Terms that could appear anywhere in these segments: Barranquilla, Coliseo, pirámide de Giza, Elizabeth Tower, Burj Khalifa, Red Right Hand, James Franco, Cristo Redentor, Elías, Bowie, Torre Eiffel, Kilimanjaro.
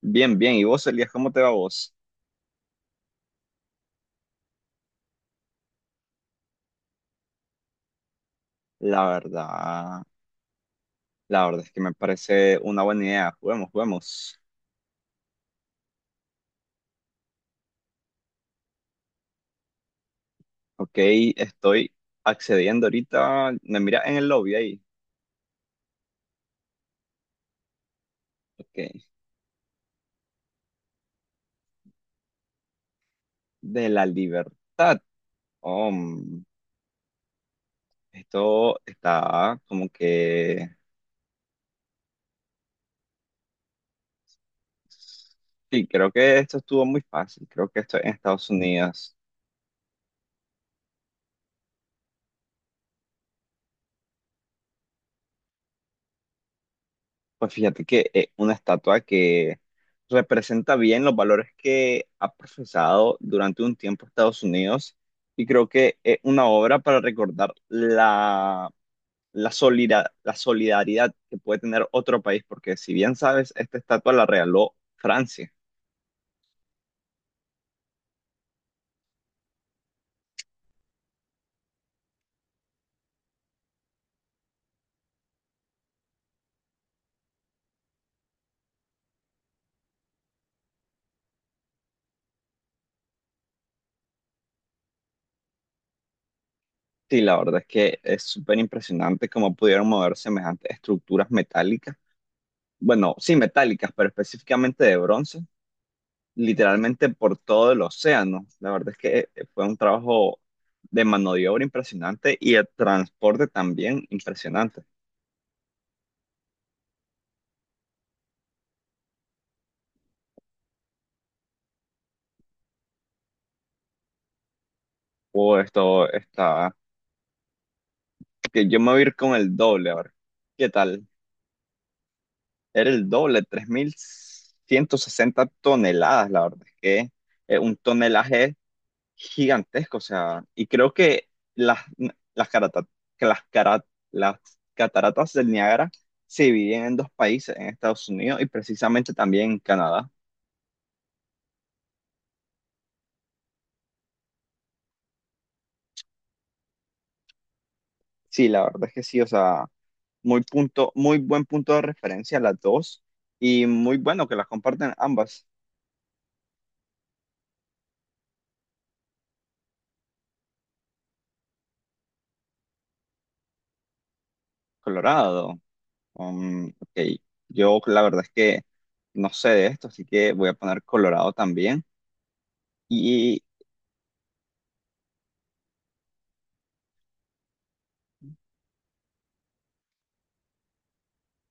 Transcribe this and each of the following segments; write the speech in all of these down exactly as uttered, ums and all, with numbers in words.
Bien, bien. ¿Y vos, Elías, cómo te va vos? La verdad, la verdad es que me parece una buena idea. Juguemos, juguemos. Ok, estoy accediendo ahorita. Me mira en el lobby ahí. Ok. De la libertad. Oh, mm, esto está como que. Sí, creo que esto estuvo muy fácil. Creo que esto es en Estados Unidos. Pues fíjate que es una estatua que representa bien los valores que ha profesado durante un tiempo Estados Unidos y creo que es una obra para recordar la, la, solida- la solidaridad que puede tener otro país, porque si bien sabes, esta estatua la regaló Francia. Sí, la verdad es que es súper impresionante cómo pudieron mover semejantes estructuras metálicas, bueno, sí metálicas, pero específicamente de bronce literalmente por todo el océano. La verdad es que eh, fue un trabajo de mano de obra impresionante y el transporte también impresionante. Oh, esto está, que yo me voy a ir con el doble, a ver, ¿qué tal? Era el doble, tres mil ciento sesenta toneladas, la verdad es que eh, un tonelaje gigantesco, o sea, y creo que las, las, carata- que las, cara- las cataratas del Niágara se dividen en dos países, en Estados Unidos y precisamente también en Canadá. Sí, la verdad es que sí, o sea, muy punto, muy buen punto de referencia las dos y muy bueno que las comparten ambas. Colorado, um, ok, yo la verdad es que no sé de esto, así que voy a poner Colorado también.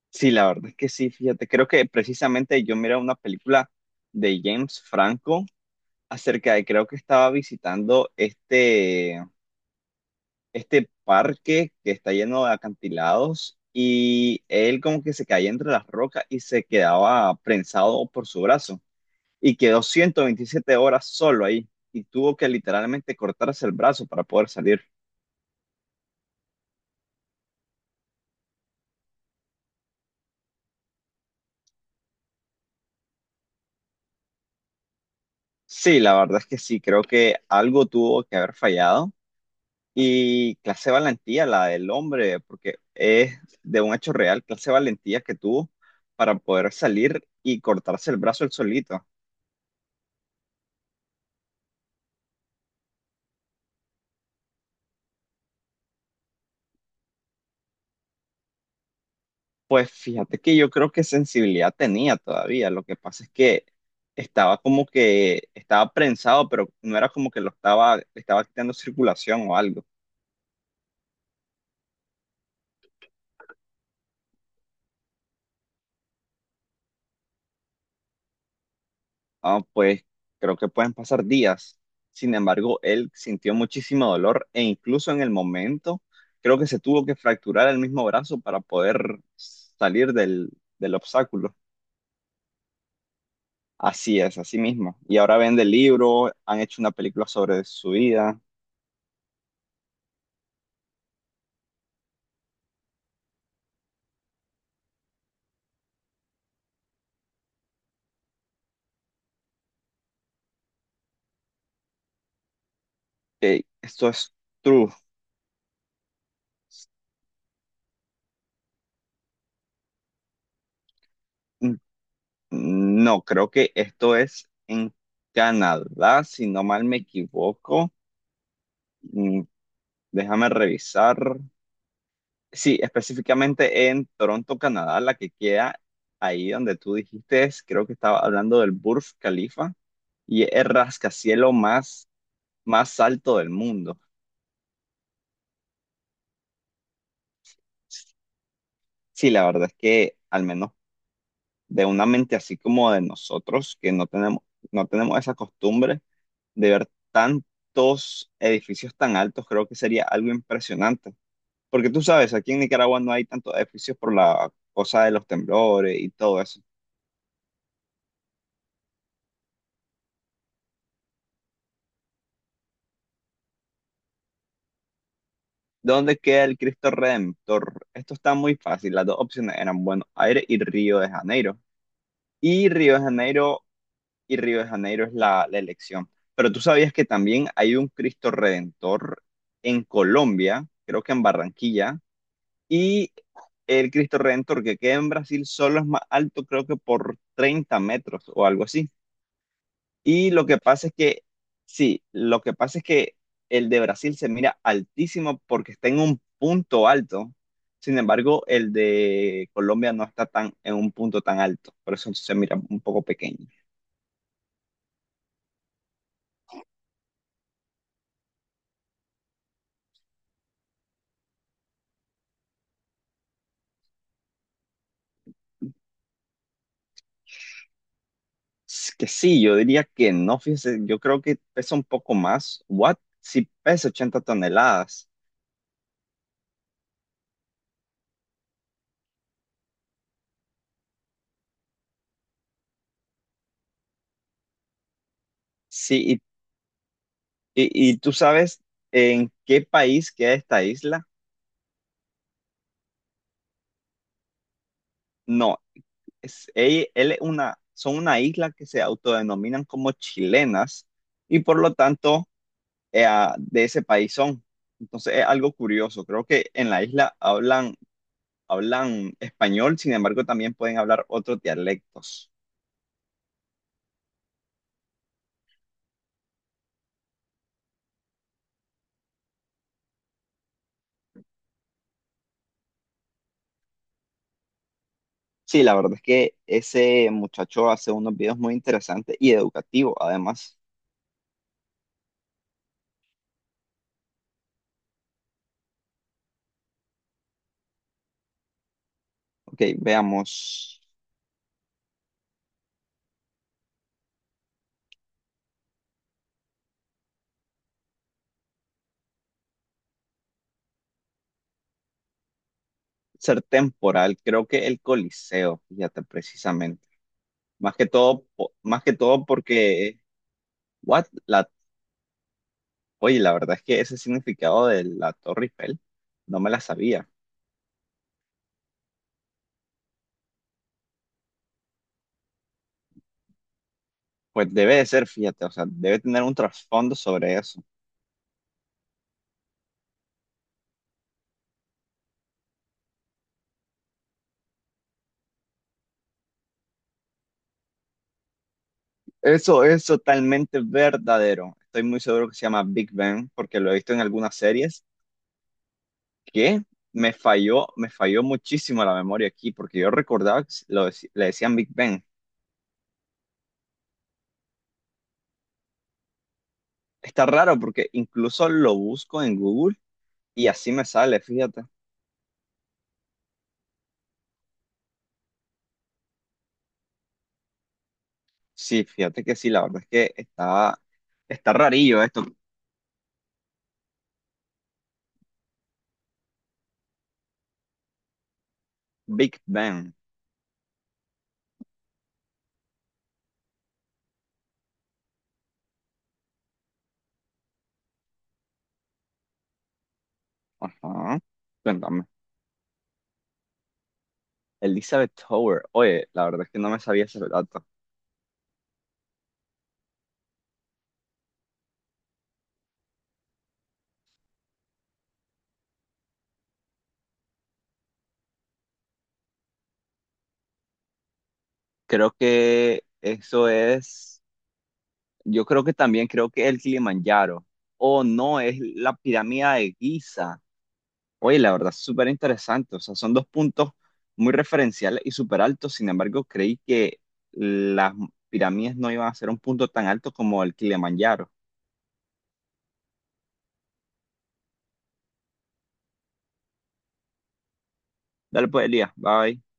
Sí, la verdad es que sí, fíjate, creo que precisamente yo miré una película de James Franco acerca de, creo que estaba visitando este, este parque que está lleno de acantilados y él como que se caía entre las rocas y se quedaba prensado por su brazo y quedó ciento veintisiete horas solo ahí y tuvo que literalmente cortarse el brazo para poder salir. Sí, la verdad es que sí, creo que algo tuvo que haber fallado. Y clase valentía, la del hombre, porque es de un hecho real, clase valentía que tuvo para poder salir y cortarse el brazo él solito. Pues fíjate que yo creo que sensibilidad tenía todavía. Lo que pasa es que estaba como que estaba prensado, pero no era como que lo estaba, le estaba quitando circulación o algo. Ah, pues creo que pueden pasar días. Sin embargo, él sintió muchísimo dolor e incluso en el momento creo que se tuvo que fracturar el mismo brazo para poder salir del, del obstáculo. Así es, así mismo. Y ahora venden libro, han hecho una película sobre su vida. Eh, esto es true. Mm, No, creo que esto es en Canadá, si no mal me equivoco. Mm, Déjame revisar. Sí, específicamente en Toronto, Canadá, la que queda ahí donde tú dijiste, es- creo que estaba hablando del Burj Khalifa y es el rascacielo más, más alto del mundo. Sí, la verdad es que al menos de una mente así como de nosotros, que no tenemos, no tenemos esa costumbre de ver tantos edificios tan altos, creo que sería algo impresionante. Porque tú sabes, aquí en Nicaragua no hay tantos edificios por la cosa de los temblores y todo eso. ¿Dónde queda el Cristo Redentor? Esto está muy fácil. Las dos opciones eran Buenos Aires y Río de Janeiro. Y Río de Janeiro y Río de Janeiro es la, la elección. Pero tú sabías que también hay un Cristo Redentor en Colombia, creo que en Barranquilla, y el Cristo Redentor que queda en Brasil solo es más alto, creo que por treinta metros o algo así. Y lo que pasa es que, sí, lo que pasa es que el de Brasil se mira altísimo porque está en un punto alto. Sin embargo, el de Colombia no está tan en un punto tan alto. Por eso se mira un poco pequeño. Es que sí, yo diría que no, fíjese, yo creo que pesa un poco más. ¿What? Sí, pesa ochenta toneladas. Sí, y, y- y tú sabes en qué país queda esta isla. No, es- él, él es una, son una isla que se autodenominan como chilenas y por lo tanto eh, ah, de ese país son. Entonces es algo curioso. Creo que en la isla hablan, hablan español, sin embargo también pueden hablar otros dialectos. Sí, la verdad es que ese muchacho hace unos videos muy interesantes y educativos además. Ok, veamos. Ser temporal, creo que el Coliseo, fíjate precisamente. Más que todo, po- más que todo porque. What? La Oye, la verdad es que ese significado de la Torre Eiffel no me la sabía. Pues debe de ser, fíjate, o sea, debe tener un trasfondo sobre eso. Eso es totalmente verdadero. Estoy muy seguro que se llama Big Ben porque lo he visto en algunas series que me falló, me falló muchísimo la memoria aquí porque yo recordaba que lo deci- le decían Big Ben. Está raro porque incluso lo busco en Google y así me sale, fíjate. Sí, fíjate que sí, la verdad es que está, está, rarillo esto, Big Ben. Ajá. Cuéntame. Elizabeth Tower. Oye, la verdad es que no me sabía ese dato. Creo que eso es. Yo creo que también creo que el Kilimanjaro. O no, es la pirámide de Giza. Oye, la verdad, súper interesante. O sea, son dos puntos muy referenciales y súper altos. Sin embargo, creí que las pirámides no iban a ser un punto tan alto como el Kilimanjaro. Dale pues, Elías. Bye.